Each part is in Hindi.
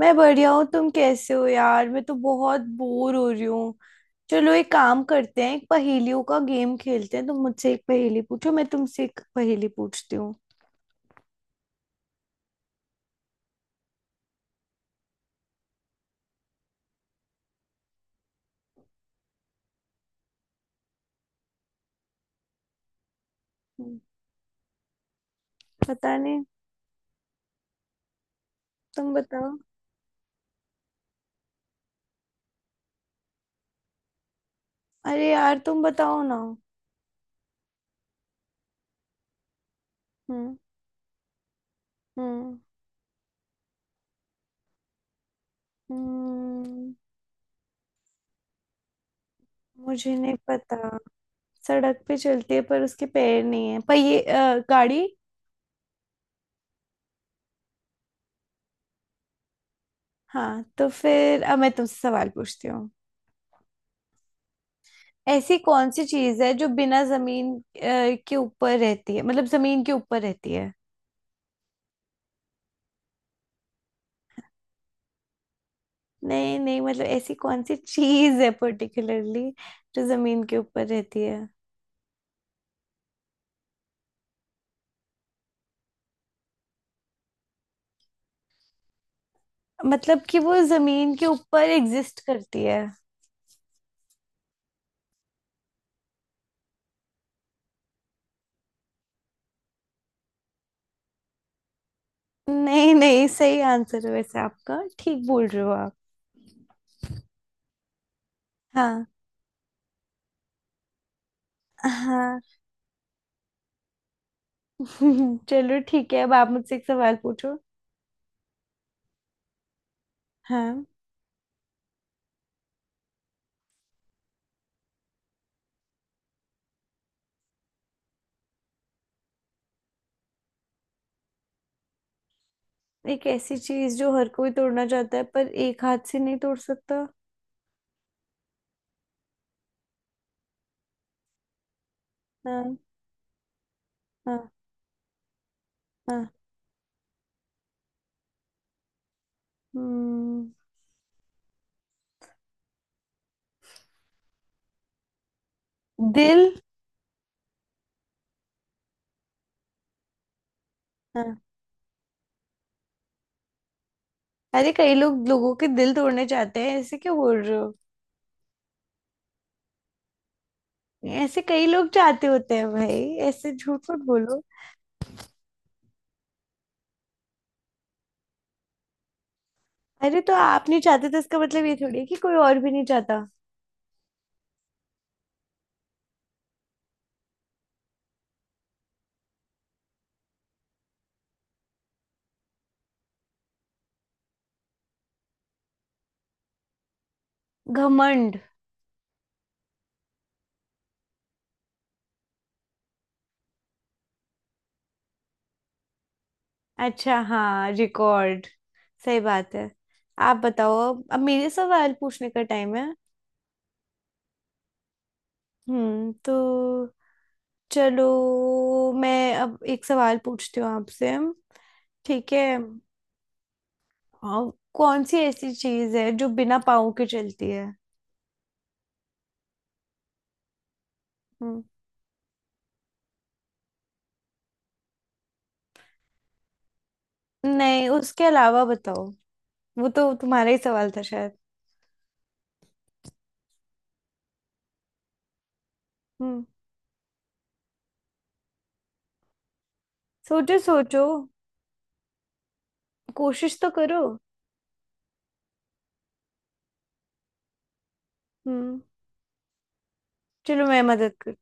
मैं बढ़िया हूँ। तुम कैसे हो यार? मैं तो बहुत बोर हो रही हूँ। चलो एक काम करते हैं, एक पहेलियों का गेम खेलते हैं। तुम मुझसे एक पहेली पूछो, मैं तुमसे एक पहेली पूछती हूँ। हम्म, पता नहीं, तुम बताओ। अरे यार तुम बताओ ना। हम्म। हम्म हम्म। मुझे नहीं पता। सड़क पे चलती है पर उसके पैर नहीं है, पर ये गाड़ी। हाँ, तो फिर अब मैं तुमसे सवाल पूछती हूँ। ऐसी कौन सी चीज है जो बिना जमीन के ऊपर रहती है, मतलब जमीन के ऊपर रहती है। नहीं नहीं, मतलब ऐसी कौन सी चीज है पर्टिकुलरली जो जमीन के ऊपर रहती है। मतलब कि वो जमीन के ऊपर एग्जिस्ट करती है। नहीं नहीं, सही आंसर है वैसे आपका, ठीक बोल रहे हो आप। हाँ। हाँ। चलो ठीक है, अब आप मुझसे एक सवाल पूछो। हाँ। एक ऐसी चीज जो हर कोई तोड़ना चाहता है पर एक हाथ से नहीं तोड़ सकता? हाँ। हाँ। हाँ। हम्म, दिल। हाँ। अरे कई लोग लोगों के दिल तोड़ने चाहते हैं, ऐसे क्यों बोल रहे हो? ऐसे कई लोग चाहते होते हैं भाई, ऐसे झूठ मत बोलो। अरे तो आप नहीं चाहते तो इसका मतलब ये थोड़ी है कि कोई और भी नहीं चाहता। घमंड। अच्छा हाँ, रिकॉर्ड। सही बात है। आप बताओ, अब मेरे सवाल पूछने का टाइम है। हम्म, तो चलो, मैं अब एक सवाल पूछती हूँ आपसे। ठीक है। हाँ, कौन सी ऐसी चीज है जो बिना पाँव के चलती है? हम्म। नहीं, उसके अलावा बताओ। वो तो तुम्हारा ही सवाल था शायद। हम्म। सोचो सोचो, कोशिश तो करो। हम्म। चलो मैं मदद कर,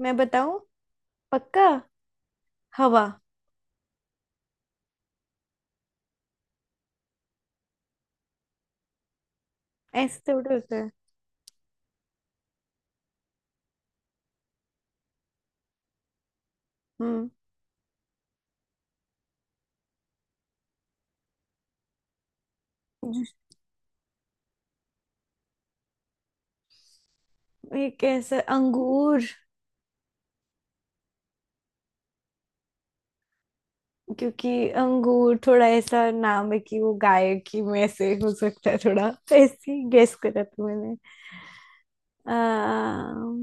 मैं बताऊं? पक्का? हवा। ऐसे थोड़ा होता है। हम्म। एक ऐसा अंगूर। क्योंकि अंगूर थोड़ा ऐसा नाम है कि वो गाय की में से हो सकता है, थोड़ा तो ऐसे ही गेस करा था मैंने। अम्म,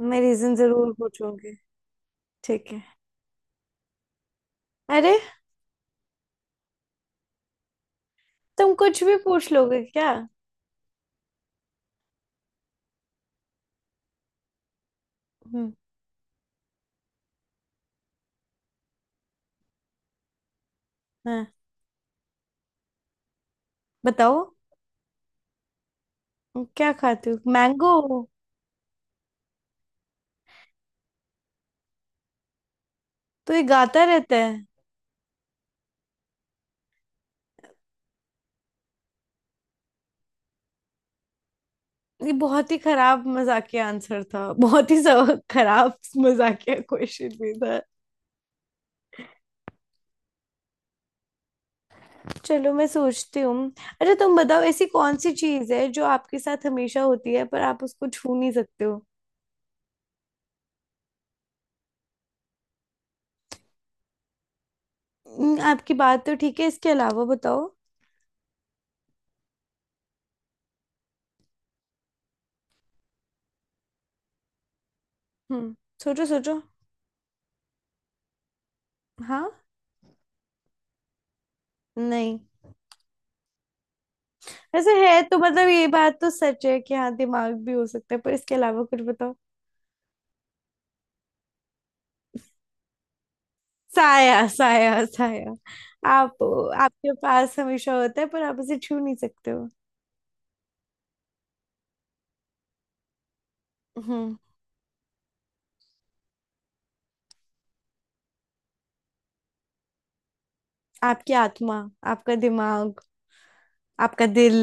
मैं रीजन जरूर पूछूंगी। ठीक है। अरे, तुम कुछ भी पूछ लोगे क्या? हम्म। हाँ बताओ। क्या खाते हो, मैंगो? तो ये गाता रहता है? ये बहुत ही खराब मजाकिया आंसर था, खराब मजाकिया क्वेश्चन भी था। चलो मैं सोचती हूँ। अच्छा तुम बताओ, ऐसी कौन सी चीज है जो आपके साथ हमेशा होती है पर आप उसको छू नहीं सकते हो? आपकी बात तो ठीक है, इसके अलावा बताओ। हम्म। सोचो सोचो। हाँ। नहीं। वैसे है तो, मतलब ये बात तो सच है कि हाँ दिमाग भी हो सकता है, पर इसके अलावा कुछ बताओ। साया, साया, साया। आप आपके पास हमेशा होता है पर आप उसे छू नहीं सकते हो। हम्म। आपकी आत्मा, आपका दिमाग, आपका दिल।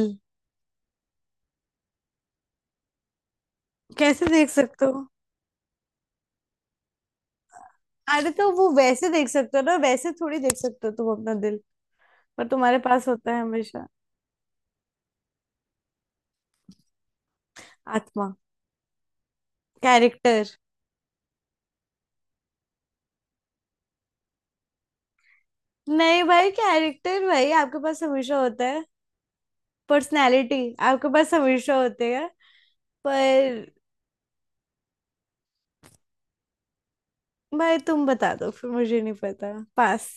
कैसे देख सकते हो? अरे तो वो वैसे देख सकते हो ना, वैसे थोड़ी देख सकते हो तुम अपना दिल, पर तुम्हारे पास होता है हमेशा। आत्मा, कैरेक्टर। नहीं भाई, कैरेक्टर भाई आपके पास हमेशा होता है, पर्सनैलिटी आपके पास हमेशा होते हैं, पर भाई तुम बता दो फिर, मुझे नहीं पता पास।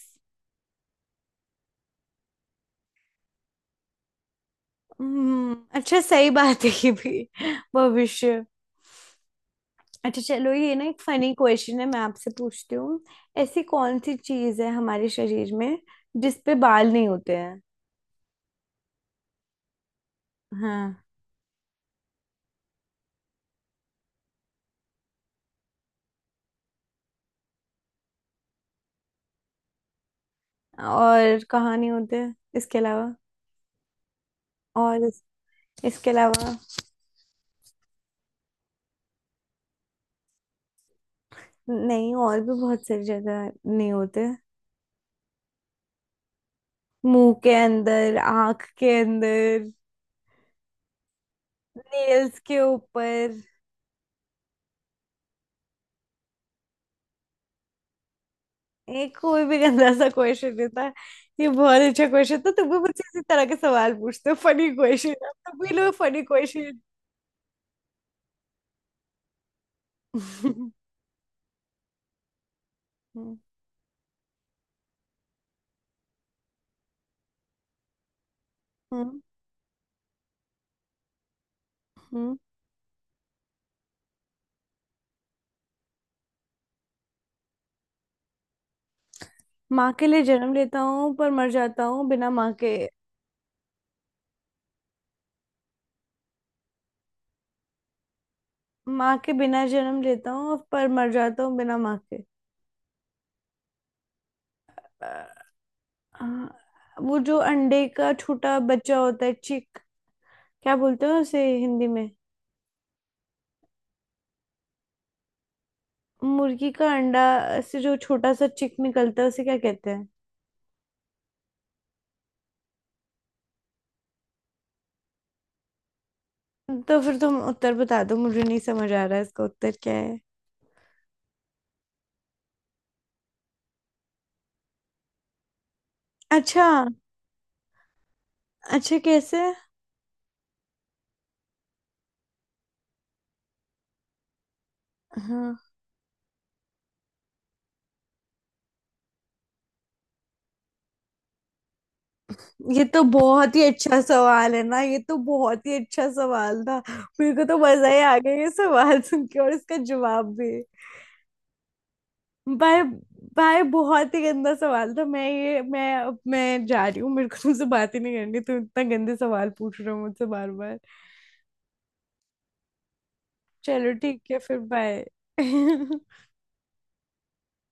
हम्म, अच्छा सही बात है ये भी, भविष्य। अच्छा चलो, ये ना एक फनी क्वेश्चन है मैं आपसे पूछती हूँ। ऐसी कौन सी चीज है हमारे शरीर में जिसपे बाल नहीं होते हैं? हाँ। और कहानी होते हैं इसके अलावा। और इस, इसके अलावा नहीं, और भी बहुत सारी जगह नहीं होते हैं। मुंह के अंदर, आंख के अंदर, नेल्स के ऊपर। एक कोई भी गंदा सा क्वेश्चन देता है। ये बहुत अच्छा क्वेश्चन था, तुम भी मुझसे इसी तरह के सवाल पूछते हो फनी क्वेश्चन, तुम भी लो फनी क्वेश्चन। हम्म। हम्म। माँ के लिए जन्म लेता हूँ पर मर जाता हूँ बिना माँ के। माँ के बिना जन्म लेता हूँ पर मर जाता हूँ बिना माँ के। हाँ, वो जो अंडे का छोटा बच्चा होता है, चिक, क्या बोलते हैं उसे हिंदी में? मुर्गी का अंडा से जो छोटा सा चिक निकलता है उसे क्या कहते हैं? तो फिर तुम उत्तर बता दो, मुझे नहीं समझ आ रहा है इसका उत्तर क्या है। अच्छा। अच्छा कैसे? हाँ। ये तो बहुत ही अच्छा सवाल है ना, ये तो बहुत ही अच्छा सवाल था, मेरे को तो मजा ही आ गया ये सवाल सुन के और इसका जवाब भी। भाई, भाई बहुत ही गंदा सवाल था, मैं ये मैं अब मैं जा रही हूँ, मेरे को तुमसे बात ही नहीं करनी, तुम इतना गंदे सवाल पूछ रहे हो मुझसे बार बार। चलो ठीक है, फिर बाय।